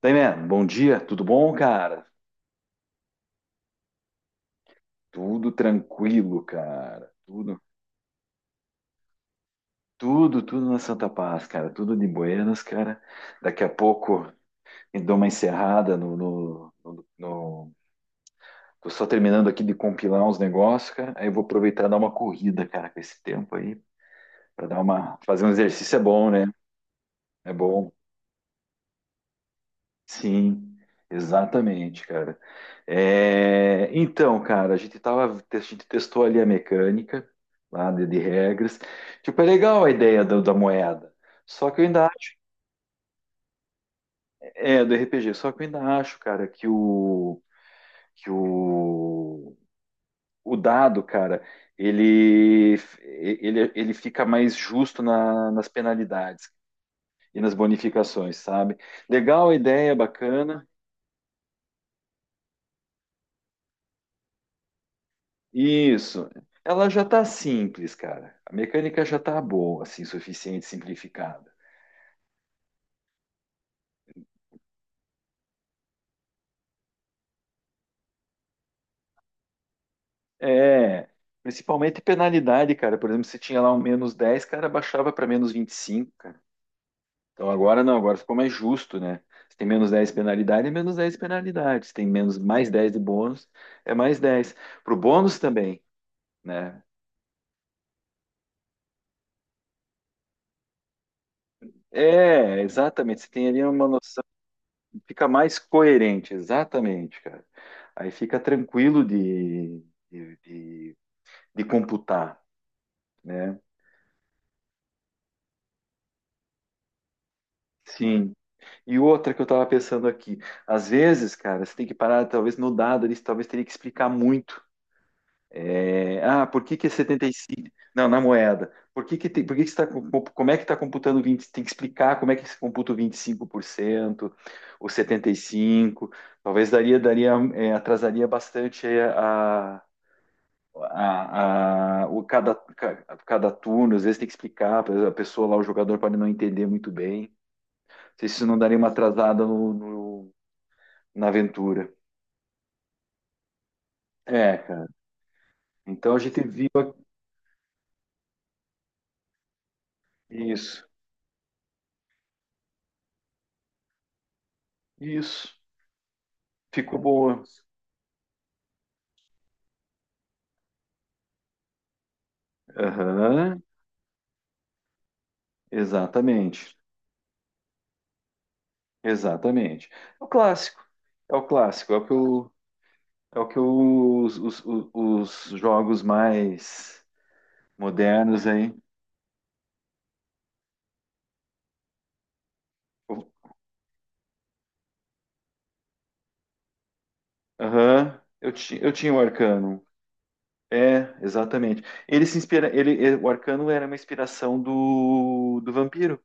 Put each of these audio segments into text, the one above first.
Daí, man, bom dia, tudo bom, cara? Tudo tranquilo, cara. Tudo na Santa Paz, cara. Tudo de buenas, cara. Daqui a pouco eu dou uma encerrada no. Tô só terminando aqui de compilar uns negócios, cara. Aí eu vou aproveitar e dar uma corrida, cara, com esse tempo aí, fazer um exercício é bom, né? É bom. Sim, exatamente, cara. É, então, cara, a gente testou ali a mecânica lá de regras. Tipo, é legal a ideia da moeda. Só que eu ainda acho, do RPG, só que eu ainda acho, cara, que que o, o dado, cara, ele ele fica mais justo nas penalidades e nas bonificações, sabe? Legal a ideia, bacana. Isso. Ela já tá simples, cara. A mecânica já tá boa, assim, suficiente, simplificada. É, principalmente penalidade, cara. Por exemplo, se tinha lá um -10, cara, baixava para -25, cara. Então agora não, agora ficou mais justo, né? Se tem menos 10 penalidade, é menos 10 penalidade. Se tem menos +10 de bônus, é +10. Pro bônus também, né? É, exatamente. Você tem ali uma noção. Fica mais coerente, exatamente, cara. Aí fica tranquilo de, de- de computar, né? Sim. E outra que eu tava pensando aqui, às vezes, cara, você tem que parar, talvez no dado, eles talvez teria que explicar muito. Por que que é 75? Não, na moeda. Por que que está, como é que está computando 20? Tem que explicar como é que se computa o 25%, o 75. Talvez daria, atrasaria bastante aí a, o cada, ca- cada turno, às vezes tem que explicar, a pessoa lá, o jogador pode não entender muito bem. Não sei se isso não daria uma atrasada na aventura. É, cara. Então a gente viu isso. Isso. Ficou boa. Aham. Exatamente. Exatamente. É o clássico. É o clássico. É o que, eu, é o que eu- os, os jogos mais modernos aí. Aham. Eu tinha o arcano. É, exatamente. Ele se inspira, ele- O Arcano era uma inspiração do Vampiro,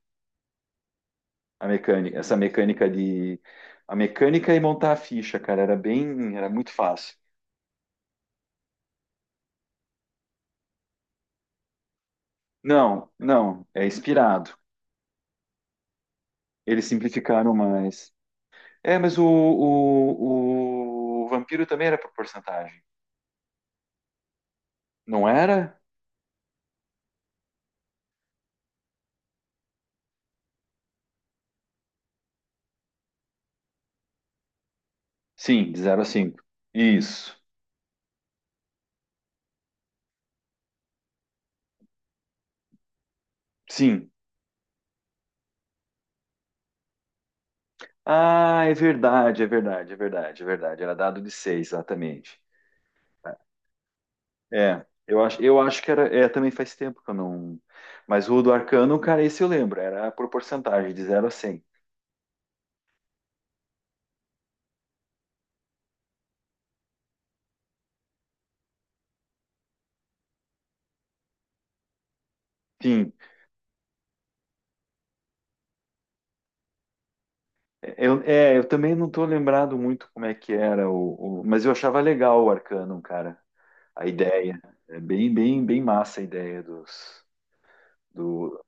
a mecânica, essa mecânica de a mecânica e montar a ficha, cara, era muito fácil. Não, não, é inspirado. Eles simplificaram mais. É, mas o Vampiro também era por porcentagem. Não era? Sim, de 0 a 5. Isso. Sim. Ah, é verdade, é verdade, é verdade, é verdade. Era dado de 6, exatamente. É, eu acho que era. É, também faz tempo que eu não. Mas o do Arcano, cara, esse eu lembro, era por porcentagem, de 0 a 100. Sim, eu também não tô lembrado muito como é que era, mas eu achava legal o Arcano, cara, a ideia. É bem, bem, bem massa a ideia dos. Do,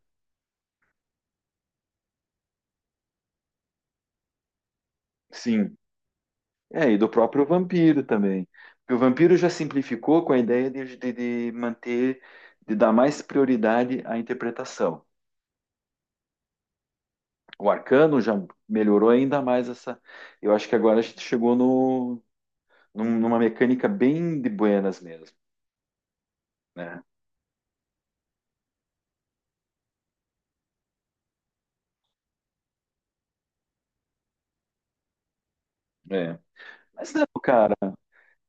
sim, e do próprio vampiro também. Porque o vampiro já simplificou com a ideia de manter, de dar mais prioridade à interpretação. O Arcano já melhorou ainda mais essa. Eu acho que agora a gente chegou no, num- numa mecânica bem de buenas mesmo, né? É. Mas não, cara,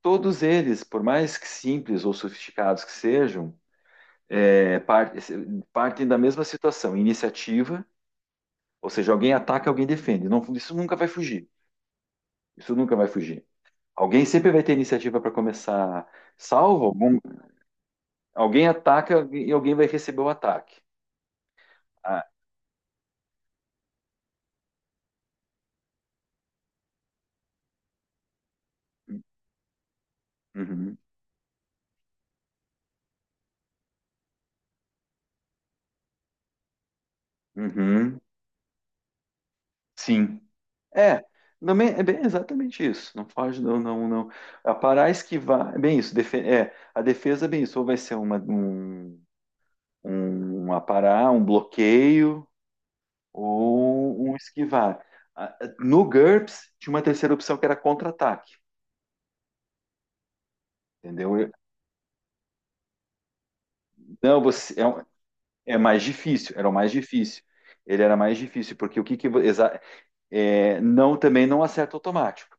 todos eles, por mais que simples ou sofisticados que sejam, é, par- partem da mesma situação, iniciativa, ou seja, alguém ataca, alguém defende. Isso nunca vai fugir. Isso nunca vai fugir. Alguém sempre vai ter iniciativa para começar, salvo algum- alguém ataca e alguém vai receber o ataque. Ah, uhum, uhum. Sim. É, também é bem exatamente isso. Não foge, não, não, não. A parar, esquivar, é bem isso. defe- é, a defesa é bem isso. Ou vai ser um aparar, um bloqueio, ou um esquivar. Ah, no GURPS, tinha uma terceira opção que era contra-ataque. Entendeu? Não, é mais difícil, era o mais difícil. Ele era mais difícil, porque o que, que vo- exa- é, não, também não acerta automático.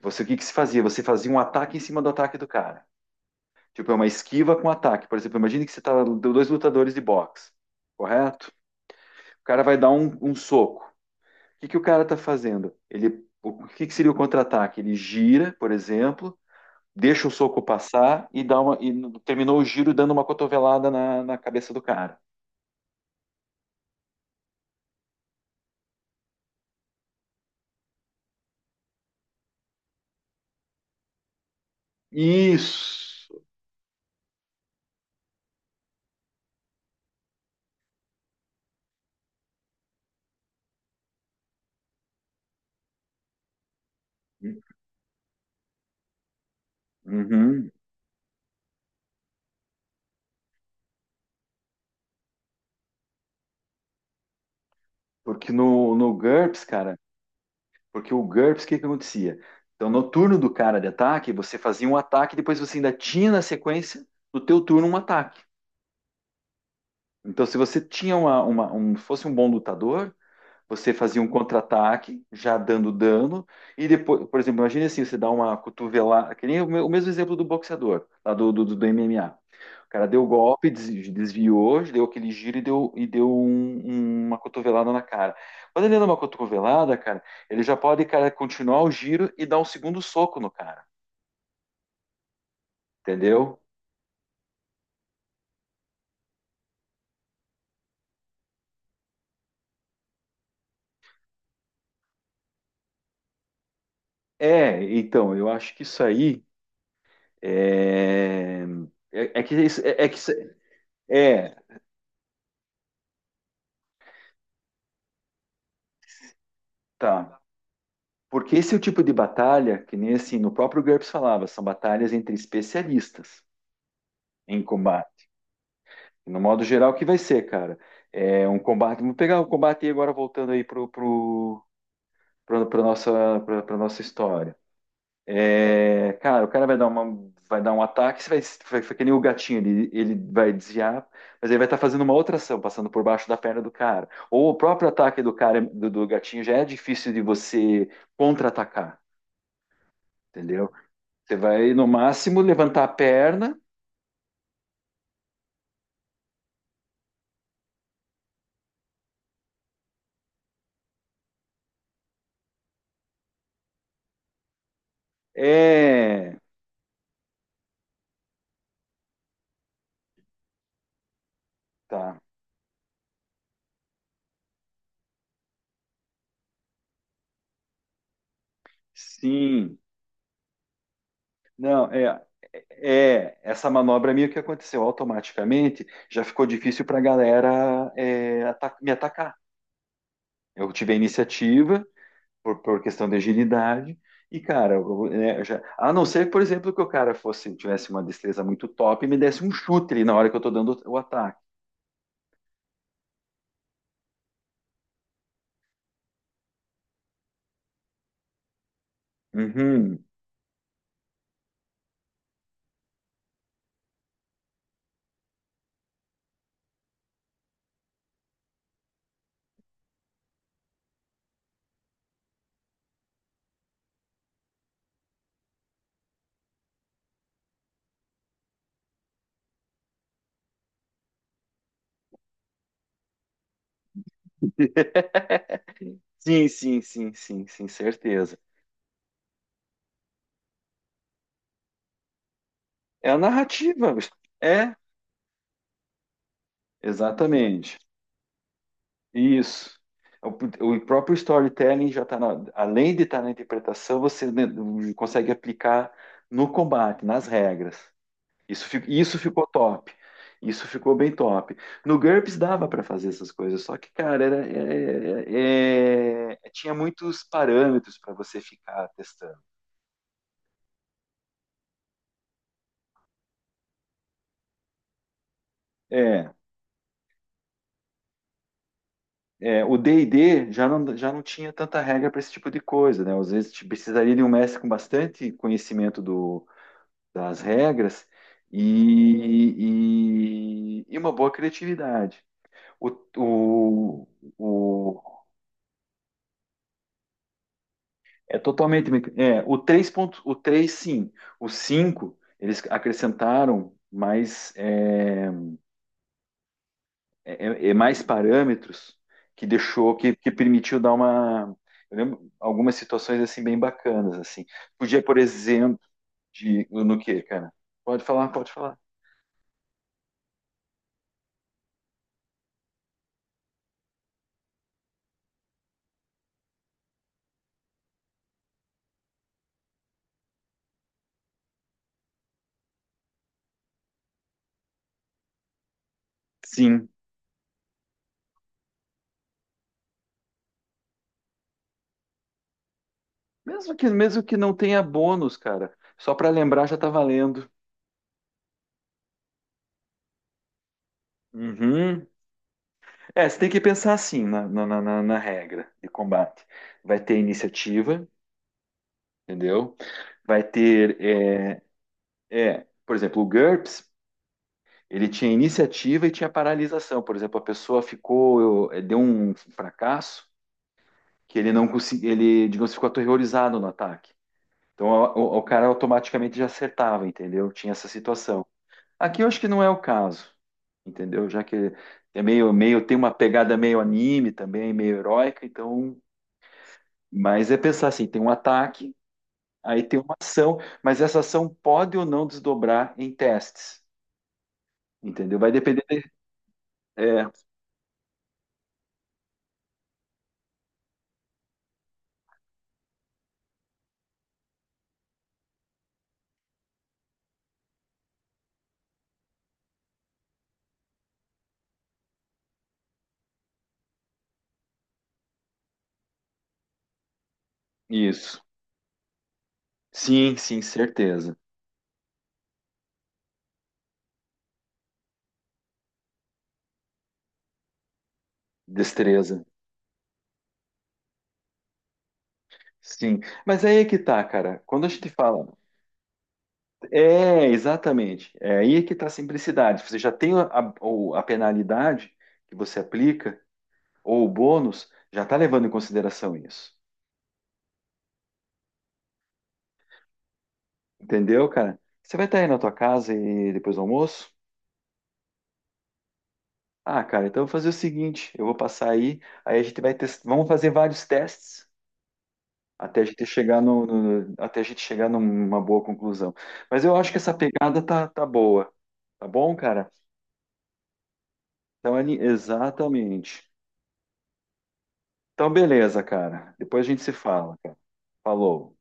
Você o que, que se fazia? Você fazia um ataque em cima do ataque do cara. Tipo, é uma esquiva com ataque. Por exemplo, imagine que você tá deu dois lutadores de boxe, correto? O cara vai dar um soco. O que que o cara tá fazendo? O que que seria o contra-ataque? Ele gira, por exemplo, deixa o soco passar e e terminou o giro dando uma cotovelada na cabeça do cara. Isso. Uhum. Porque no GURPS, cara, porque o GURPS, o que que acontecia? Então, no turno do cara de ataque, você fazia um ataque, depois você ainda tinha na sequência, no teu turno, um ataque. Então, se você tinha fosse um bom lutador, você fazia um contra-ataque, já dando dano, e depois, por exemplo, imagine assim, você dá uma cotovelada, que nem o mesmo exemplo do boxeador, lá do MMA. O cara deu o golpe, desviou, deu aquele giro e deu uma cotovelada na cara. Quando ele dá uma cotovelada, cara, ele já pode, cara, continuar o giro e dar um segundo soco no cara, entendeu? É, então, eu acho que isso aí. É, é, é que, isso- é, é que É, tá. Porque esse é o tipo de batalha que nem assim, no próprio GURPS falava, são batalhas entre especialistas em combate. No modo geral, o que vai ser, cara? É um combate. Vamos pegar o combate aí agora voltando aí pro, pro, pro, pra nossa, pra, pra nossa história. É, cara, o cara vai dar um ataque, você vai que nem o gatinho, ele vai desviar, mas ele vai estar fazendo uma outra ação, passando por baixo da perna do cara. Ou o próprio ataque do cara, do gatinho, já é difícil de você contra-atacar, entendeu? Você vai, no máximo, levantar a perna. É, tá. Sim. Não, Essa manobra minha que aconteceu automaticamente já ficou difícil para a galera me atacar. Eu tive a iniciativa por questão de agilidade. E, cara, eu, né, eu já, a não ser, por exemplo, que tivesse uma destreza muito top e me desse um chute ali na hora que eu tô dando o ataque. Uhum. Sim, sim, sim, sim, sim, certeza. É a narrativa. É, exatamente. Isso. O próprio storytelling já está na, além de estar na interpretação, você consegue aplicar no combate, nas regras. Isso, isso ficou top. Isso ficou bem top. No GURPS dava para fazer essas coisas, só que, cara, era, é- é- é- é, tinha muitos parâmetros para você ficar testando. É, o D&D já não tinha tanta regra para esse tipo de coisa, né? Às vezes te precisaria de um mestre com bastante conhecimento das regras e, e uma boa criatividade. O, o, o- é totalmente o 3 ponto, o três sim, o 5 eles acrescentaram mais é mais parâmetros que deixou que permitiu dar uma. Eu lembro algumas situações assim bem bacanas assim. Podia, por exemplo, de no que, cara? Pode falar, pode falar. Sim. Mesmo que não tenha bônus, cara, só para lembrar já tá valendo. Uhum. É, você tem que pensar assim na regra de combate. Vai ter iniciativa, entendeu? Vai ter, por exemplo, o GURPS, ele tinha iniciativa e tinha paralisação. Por exemplo, a pessoa deu um fracasso que ele não conseguiu, ele, digamos, ficou aterrorizado no ataque. Então, o cara automaticamente já acertava, entendeu? Tinha essa situação. Aqui eu acho que não é o caso, entendeu? Já que é meio, tem uma pegada meio anime também, meio heróica, então. Mas é pensar assim: tem um ataque, aí tem uma ação, mas essa ação pode ou não desdobrar em testes, entendeu? Vai depender. É, isso. Sim, sim, certeza. Destreza. Sim. Mas aí é que tá, cara. Quando a gente fala. É, exatamente. É aí é que tá a simplicidade. Você já tem a penalidade que você aplica. Ou o bônus, já tá levando em consideração isso. Entendeu, cara? Você vai estar aí na tua casa e depois do almoço? Ah, cara, então eu vou fazer o seguinte, eu vou passar aí, aí a gente vai testar, vamos fazer vários testes até a gente chegar até a gente chegar numa boa conclusão. Mas eu acho que essa pegada tá boa, tá bom, cara? Então, exatamente. Então, beleza, cara. Depois a gente se fala, cara. Falou.